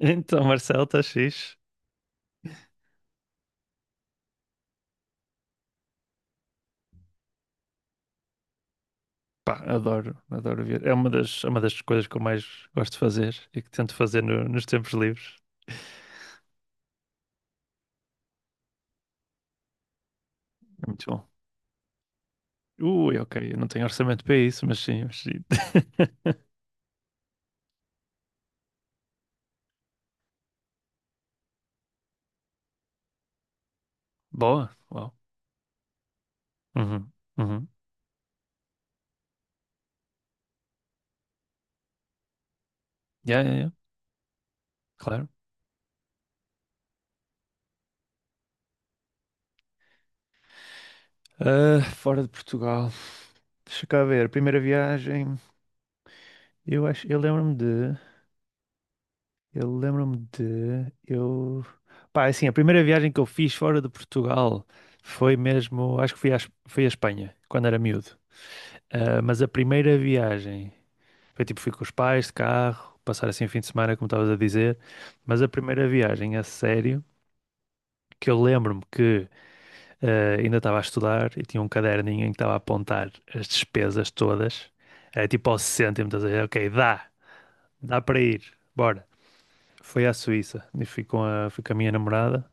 Então, Marcelo, está fixe? Pá, adoro, adoro ver. É uma das coisas que eu mais gosto de fazer e que tento fazer nos tempos livres. É muito bom. Ui, ok, eu não tenho orçamento para isso, mas sim, mas sim. Boa, uau. Uhum, uhum. Yeah, yeah, yeah, claro. Ah, fora de Portugal. Deixa cá ver, primeira viagem. Eu acho, eu lembro-me de. Eu lembro-me de. Eu. Pá, assim, a primeira viagem que eu fiz fora de Portugal foi mesmo. Acho que fui fui à Espanha, quando era miúdo. Ah, mas a primeira viagem foi tipo, fui com os pais de carro, passar assim o fim de semana, como estavas a dizer. Mas a primeira viagem a sério, que eu lembro-me que ainda estava a estudar e tinha um caderninho em que estava a apontar as despesas todas. Era tipo ao cêntimo, estás a dizer, ok, dá, dá para ir, bora. Foi à Suíça e fui fui com a minha namorada.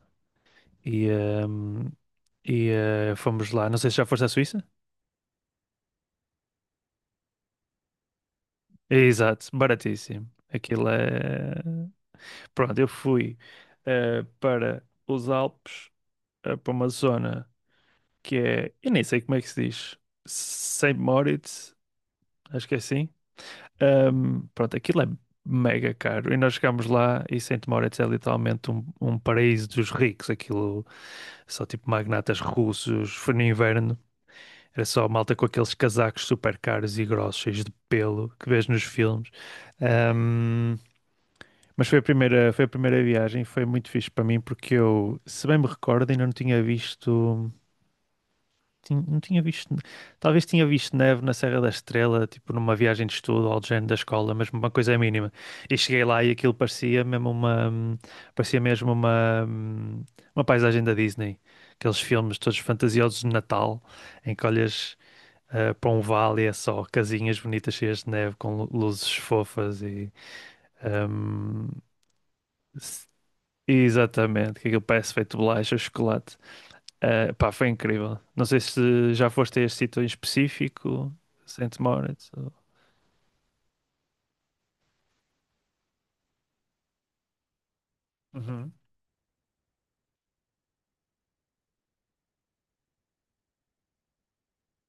E, hum, e fomos lá. Não sei se já foste à Suíça? Exato, baratíssimo. Aquilo é. Pronto, eu fui para os Alpes, para uma zona que é. Eu nem sei como é que se diz. Saint Moritz, acho que é assim. Pronto, aquilo é mega caro. E nós chegámos lá e Saint Moritz é literalmente um, um paraíso dos ricos. Aquilo só tipo magnatas russos. Foi no inverno. Era só malta com aqueles casacos super caros e grossos, cheios de pelo, que vês nos filmes. Ahm, mas foi a primeira viagem, foi muito fixe para mim, porque eu, se bem me recordo, ainda não tinha visto. Não tinha visto. Talvez tinha visto neve na Serra da Estrela, tipo numa viagem de estudo ou de género da escola, mas uma coisa é mínima. E cheguei lá e aquilo parecia mesmo uma. Parecia mesmo uma. Uma paisagem da Disney. Aqueles filmes todos fantasiosos de Natal, em que olhas para um vale é só casinhas bonitas cheias de neve com luzes fofas e. ehm, s- Exatamente, que aquilo parece feito de bolacha, chocolate. Eh, pá, foi incrível. Não sei se já foste a este sítio em específico, Saint Moritz. Ou- Uhum.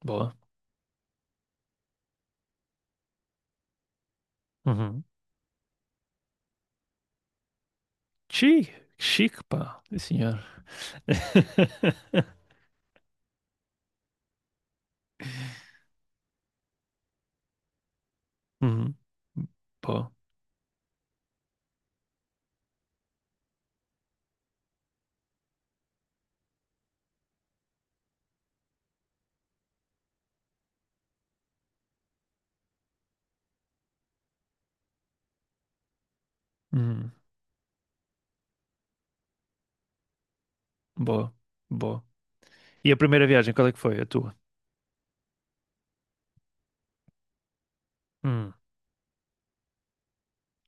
Boa. Uhum. Chique, chique, pá. Sim, senhor. Uhum. Boa. Uhum. Boa. Boa. E a primeira viagem, qual é que foi? A tua?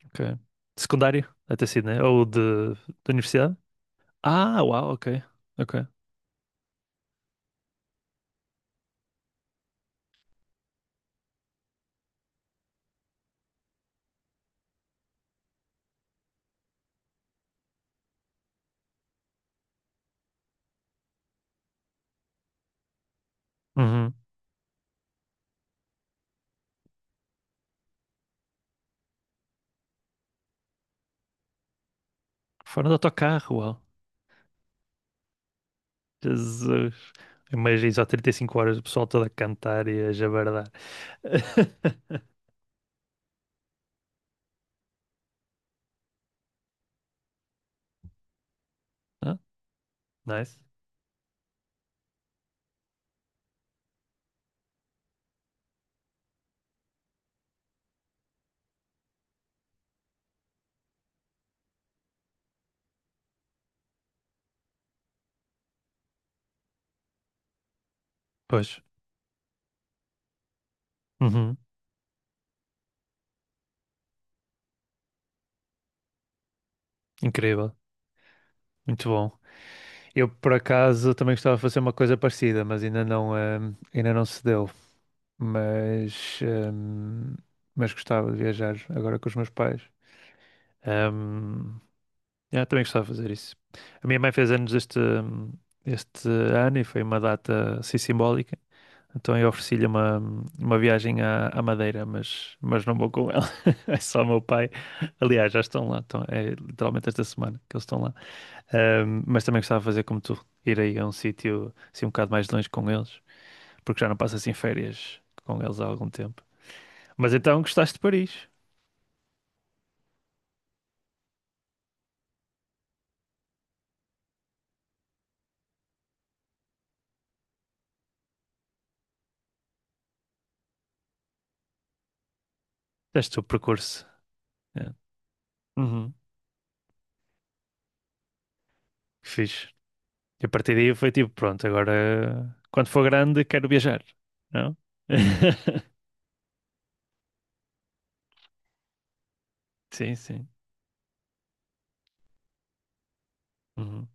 Ok. Secundário, até sido, né? Ou de, da universidade? Ah, uau, ok. Ok. Uhum. Foram de autocarro, uau. Jesus. Imagina só 35 horas o pessoal todo a cantar e a jabardar. Ah, nice. Pois. Uhum. Incrível. Muito bom. Eu, por acaso, também gostava de fazer uma coisa parecida, mas ainda não se deu. Mas, ehm, mas gostava de viajar agora com os meus pais. Ehm, Yeah, também gostava de fazer isso. A minha mãe fez anos este, este ano e foi uma data assim simbólica. Então eu ofereci-lhe uma viagem à, à Madeira, mas não vou com ela. É só o meu pai. Aliás, já estão lá. Estão, é literalmente esta semana que eles estão lá. Mas também gostava de fazer como tu, ir aí a um sítio assim um bocado mais longe com eles, porque já não passo assim férias com eles há algum tempo. Mas então gostaste de Paris? Deste o percurso. É. Uhum. Que fixe. E a partir daí foi tipo, pronto, agora quando for grande quero viajar, não? Sim, sim. Uhum.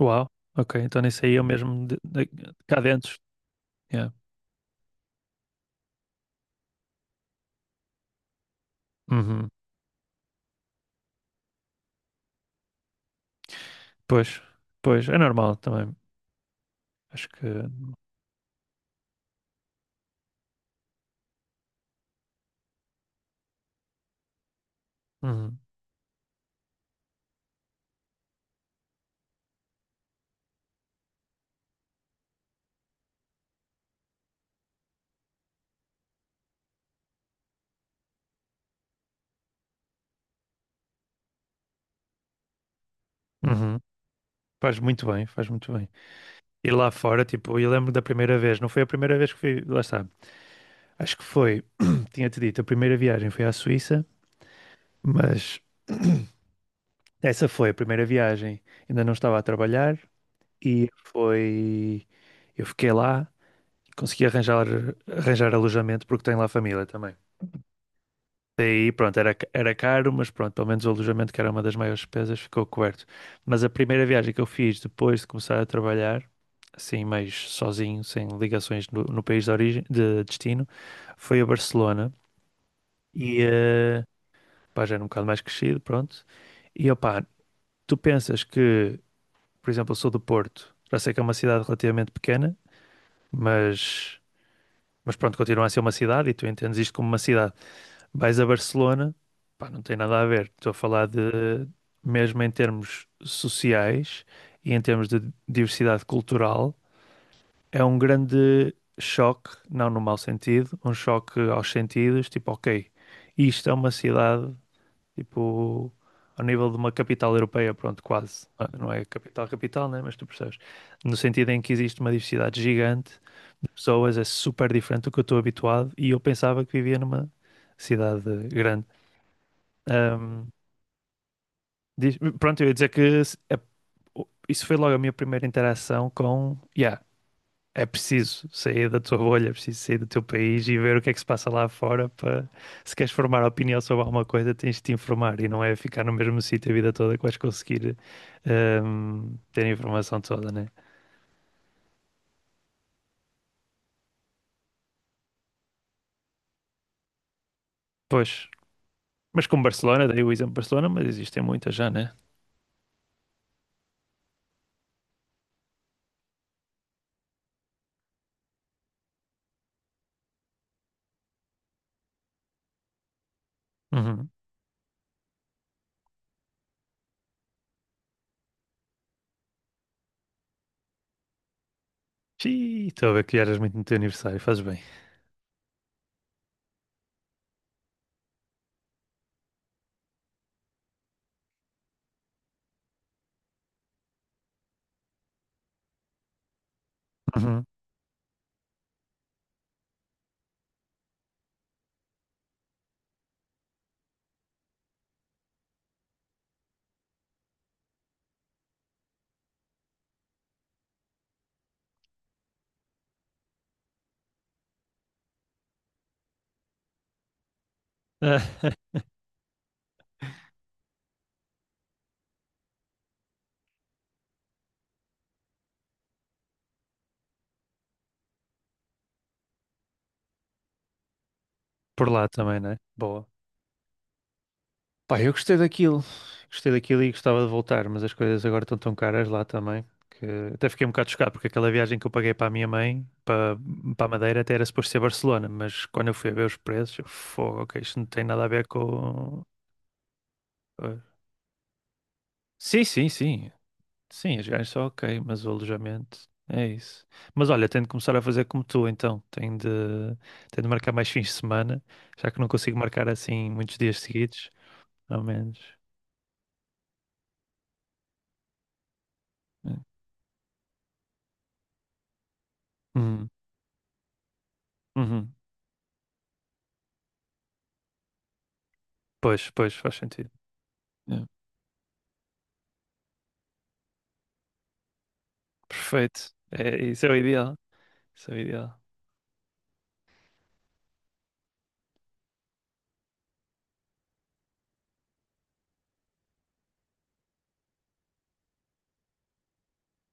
Uau, ok, então nisso aí eu mesmo de, de cá dentro. Yeah. Uhum. Pois, pois, é normal também. Acho que uhum. Uhum. Faz muito bem, faz muito bem. E lá fora, tipo, eu lembro da primeira vez, não foi a primeira vez que fui, lá está. Acho que foi, tinha-te dito, a primeira viagem foi à Suíça, mas essa foi a primeira viagem. Ainda não estava a trabalhar. E foi. Eu fiquei lá, consegui arranjar, arranjar alojamento porque tenho lá família também. Daí, pronto, era, era caro, mas pronto, pelo menos o alojamento, que era uma das maiores despesas, ficou coberto. Mas a primeira viagem que eu fiz depois de começar a trabalhar, assim, mais sozinho, sem ligações no, no país de origem, de destino, foi a Barcelona. E, pá, já era um bocado mais crescido, pronto. E, opá, tu pensas que, por exemplo, eu sou do Porto, já sei que é uma cidade relativamente pequena, mas. Mas pronto, continua a ser uma cidade e tu entendes isto como uma cidade. Vais a Barcelona, pá, não tem nada a ver. Estou a falar de, mesmo em termos sociais e em termos de diversidade cultural, é um grande choque, não no mau sentido, um choque aos sentidos, tipo, ok, isto é uma cidade, tipo, ao nível de uma capital europeia, pronto, quase. Ah, não é capital, capital, né? Mas tu percebes. No sentido em que existe uma diversidade gigante, pessoas, é super diferente do que eu estou habituado e eu pensava que vivia numa cidade grande. Ahm, Pronto, eu ia dizer que isso foi logo a minha primeira interação com, yeah, é preciso sair da tua bolha, é preciso sair do teu país e ver o que é que se passa lá fora para, se queres formar opinião sobre alguma coisa, tens de te informar e não é ficar no mesmo sítio a vida toda que vais conseguir ter a informação toda, né? Pois, mas com Barcelona, dei o exemplo de Barcelona, mas existem muitas já, né? Uhum. Xiii, estou a ver que eras muito no teu aniversário, fazes bem. Uhum. Por lá também, né? Boa. Pá, eu gostei daquilo. Gostei daquilo e gostava de voltar, mas as coisas agora estão tão caras lá também que até fiquei um bocado chocado porque aquela viagem que eu paguei para a minha mãe, para, para a Madeira, até era suposto ser Barcelona, mas quando eu fui a ver os preços, eu, fogo, ok, isto não tem nada a ver com. eh, Sim, sim, sim. Sim, as viagens são ok, mas o alojamento é isso. Mas olha, tenho de começar a fazer como tu, então. Tenho de marcar mais fins de semana, já que não consigo marcar assim muitos dias seguidos, ao menos. É. Uhum, uhum. Pois, pois, faz sentido. É. Perfeito. É, isso é o ideal. Isso é o ideal.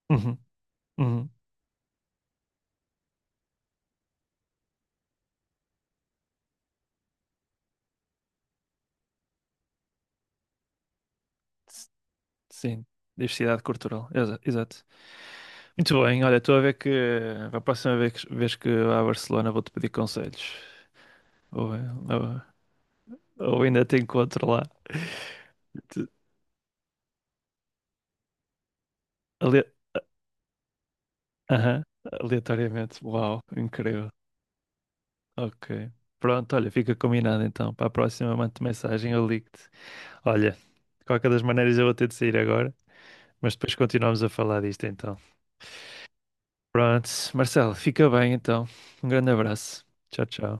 Uhum, uhum. S- Sim, diversidade cultural. Exato. Muito bem, olha, estou a ver que a próxima vez, vez que vá a Barcelona vou-te pedir conselhos. Ou, ou, ou ainda te encontro lá. De- ale- Aham, aleatoriamente. Uau, incrível. Ok. Pronto, olha, fica combinado então. Para a próxima, mando-te mensagem, eu ligo-te. Olha, de qualquer das maneiras eu vou ter de sair agora, mas depois continuamos a falar disto então. Pronto, Marcelo, fica bem então. Um grande abraço. Tchau, tchau.